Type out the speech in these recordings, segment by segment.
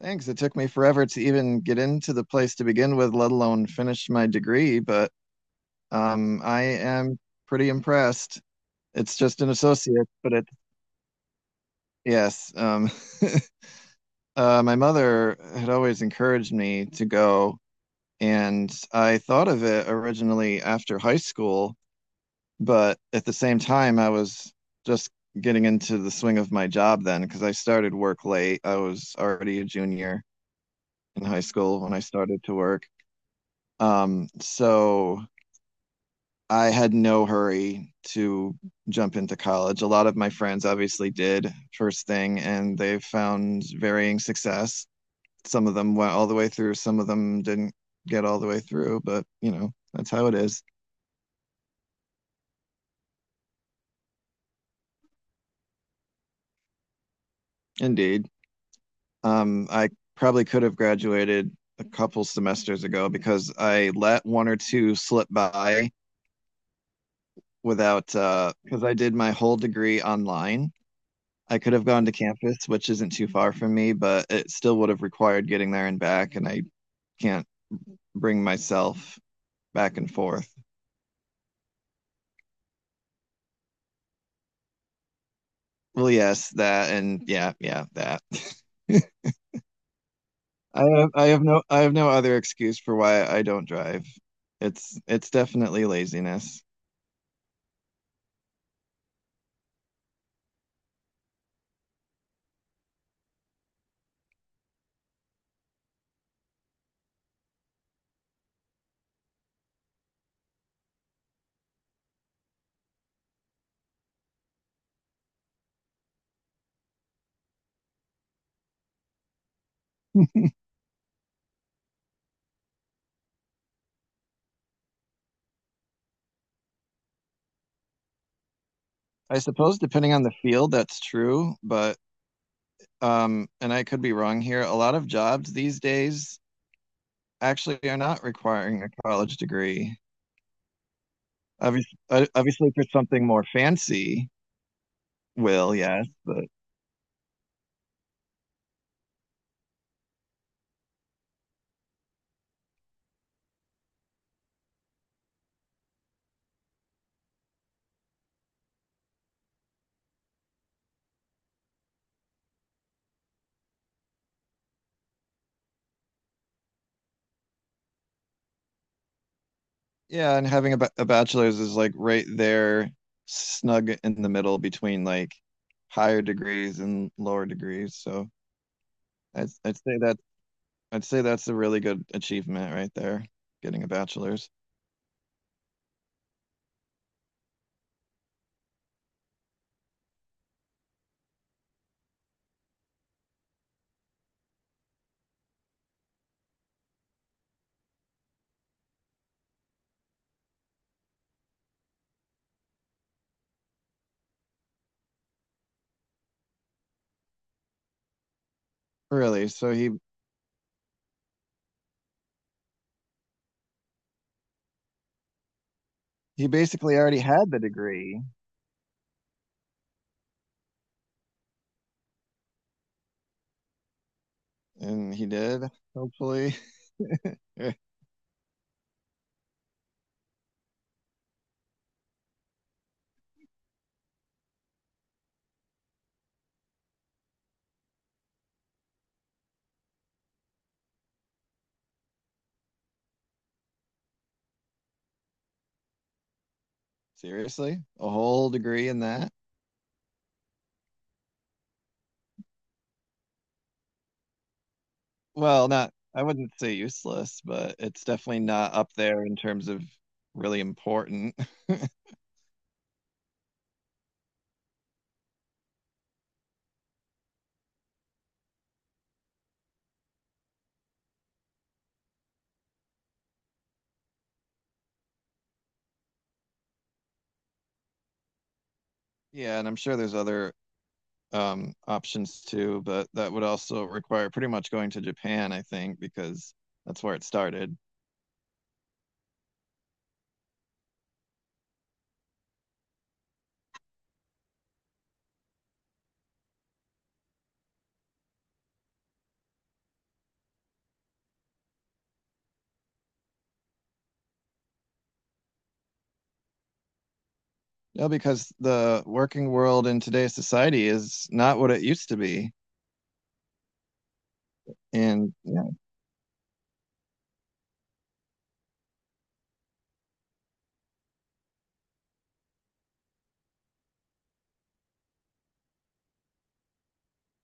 Thanks. It took me forever to even get into the place to begin with, let alone finish my degree, but I am pretty impressed. It's just an associate, but it, yes. My mother had always encouraged me to go, and I thought of it originally after high school, but at the same time, I was just getting into the swing of my job then because I started work late. I was already a junior in high school when I started to work. So I had no hurry to jump into college. A lot of my friends obviously did first thing, and they found varying success. Some of them went all the way through, some of them didn't get all the way through, but that's how it is. Indeed. I probably could have graduated a couple semesters ago because I let one or two slip by without, because I did my whole degree online. I could have gone to campus, which isn't too far from me, but it still would have required getting there and back, and I can't bring myself back and forth. Well, yes, that and yeah, yeah, that. I have no other excuse for why I don't drive. It's definitely laziness. I suppose depending on the field, that's true, but and I could be wrong here. A lot of jobs these days actually are not requiring a college degree. Obviously for something more fancy, will, yes, but yeah, and having a, a bachelor's is like right there, snug in the middle between like higher degrees and lower degrees. So I'd, I'd say that I'd say that's a really good achievement right there, getting a bachelor's. Really, so he basically already had the degree, and he did, hopefully. Seriously, a whole degree in that? Well, not I wouldn't say useless, but it's definitely not up there in terms of really important. Yeah, and I'm sure there's other options too, but that would also require pretty much going to Japan, I think, because that's where it started. Yeah, because the working world in today's society is not what it used to be. And yeah,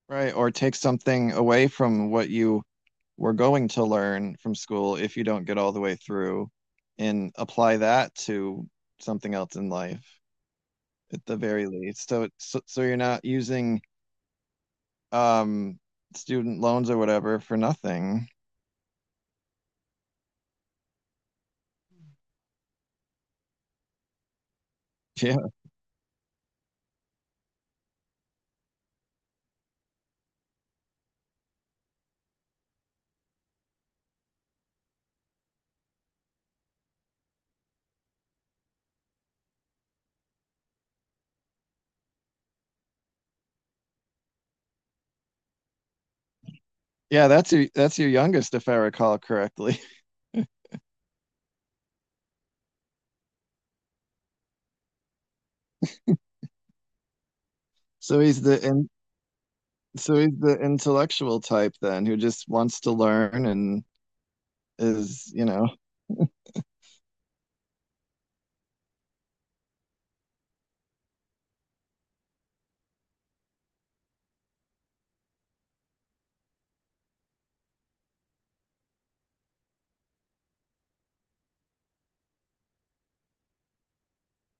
right, or take something away from what you were going to learn from school if you don't get all the way through and apply that to something else in life at the very least. So you're not using um student loans or whatever for nothing. Yeah. Yeah, that's your youngest if I recall correctly. So so he's the intellectual type then who just wants to learn and is, you know,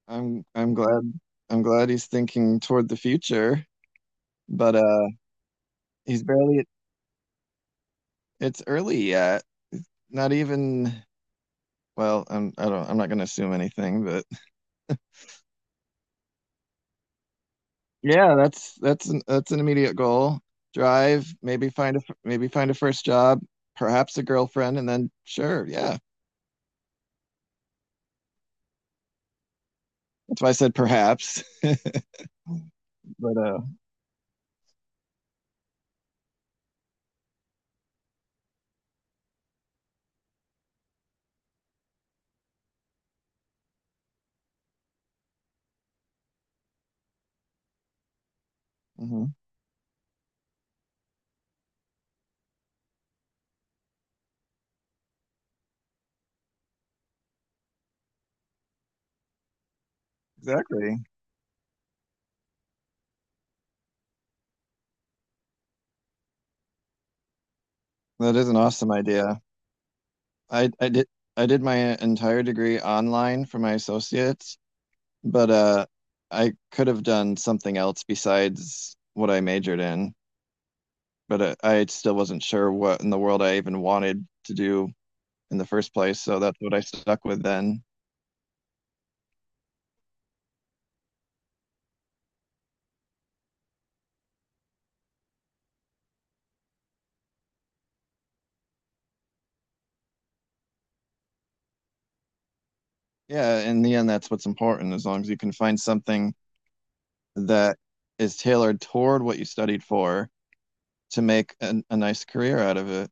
I'm I'm glad I'm glad he's thinking toward the future, but he's barely. It's early yet. Not even well, I'm I don't I'm not gonna assume anything, but yeah, that's that's an immediate goal. Drive, maybe find a first job, perhaps a girlfriend, and then sure, yeah. That's why I said perhaps. But mhm. Exactly. That is an awesome idea. I I did I did my entire degree online for my associates, but I could have done something else besides what I majored in. But I still wasn't sure what in the world I even wanted to do in the first place, so that's what I stuck with then. Yeah, in the end, that's what's important. As long as you can find something that is tailored toward what you studied for to make an, a nice career out of it,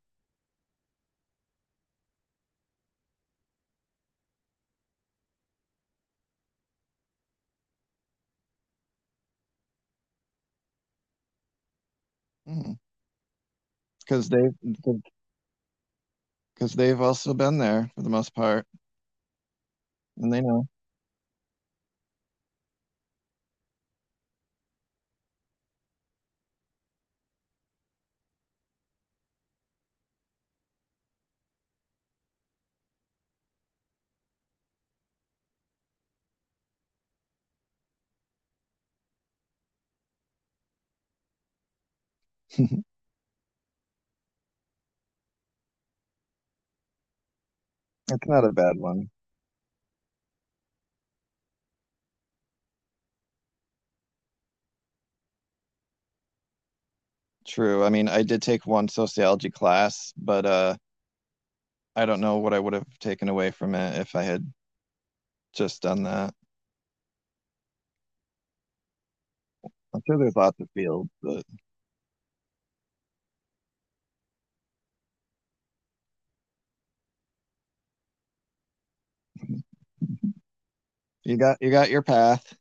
because they because they've also been there for the most part, and they know. It's not a bad one. True. I mean, I did take one sociology class, but I don't know what I would have taken away from it if I had just done that. I'm sure there's lots of fields, but you got your path.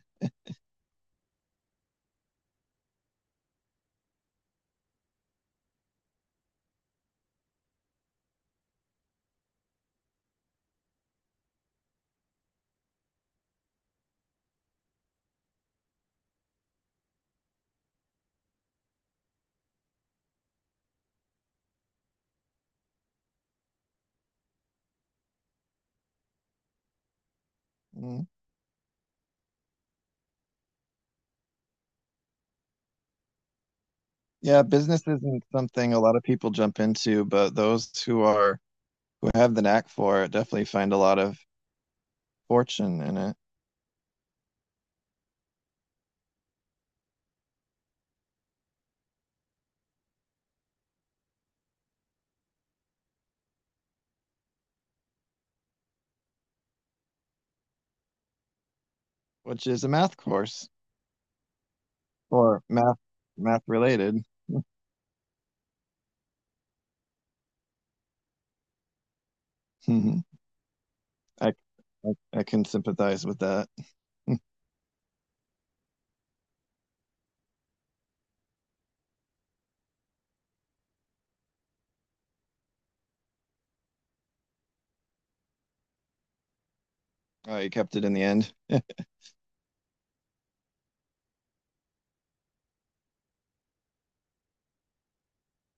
Mm. Yeah, business isn't something a lot of people jump into, but those who are who have the knack for it definitely find a lot of fortune in it, which is a math course or math math related. I, I I can sympathize with that. Oh, you kept it in the end.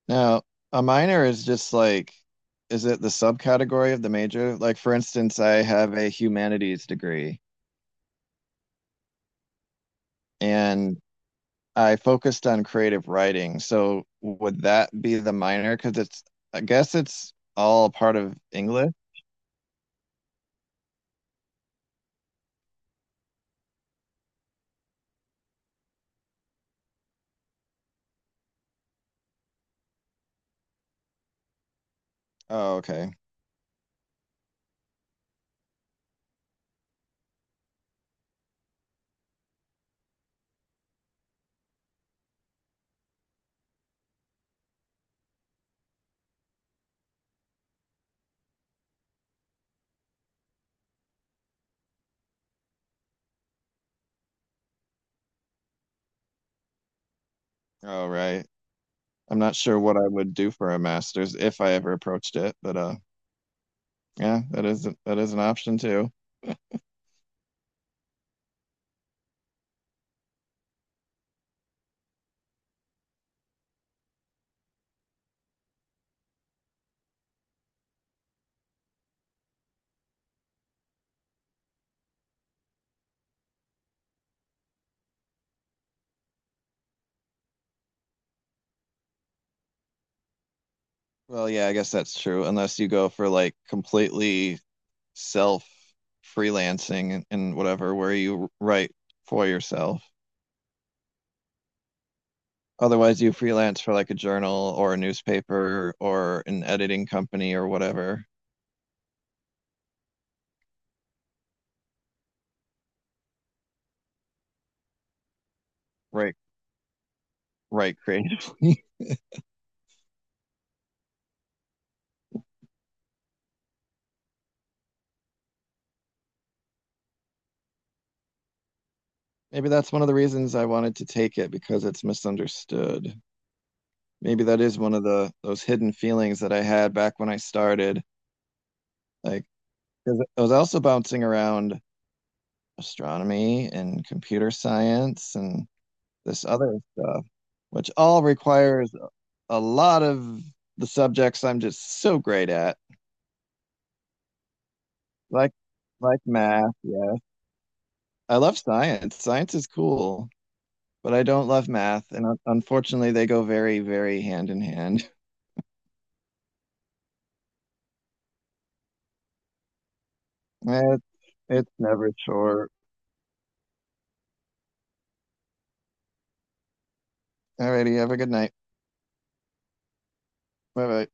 Now, a minor is just like, is it the subcategory of the major? Like, for instance, I have a humanities degree, and I focused on creative writing. So would that be the minor? Because it's, I guess it's all part of English. Oh, okay. Oh, right. Right. I'm not sure what I would do for a master's if I ever approached it, but yeah, that is an option too. Well, yeah, I guess that's true, unless you go for like completely self freelancing and whatever, where you write for yourself. Otherwise, you freelance for like a journal or a newspaper or an editing company or whatever. Right, right, creative. Maybe that's one of the reasons I wanted to take it because it's misunderstood. Maybe that is one of the those hidden feelings that I had back when I started. Like, 'cause I was also bouncing around astronomy and computer science and this other stuff, which all requires a lot of the subjects I'm just so great at, like like math. Yeah, I love science. Science is cool, but I don't love math, and unfortunately, they go very, very hand in hand. Eh, it's never short. Alrighty, have a good night. Bye bye.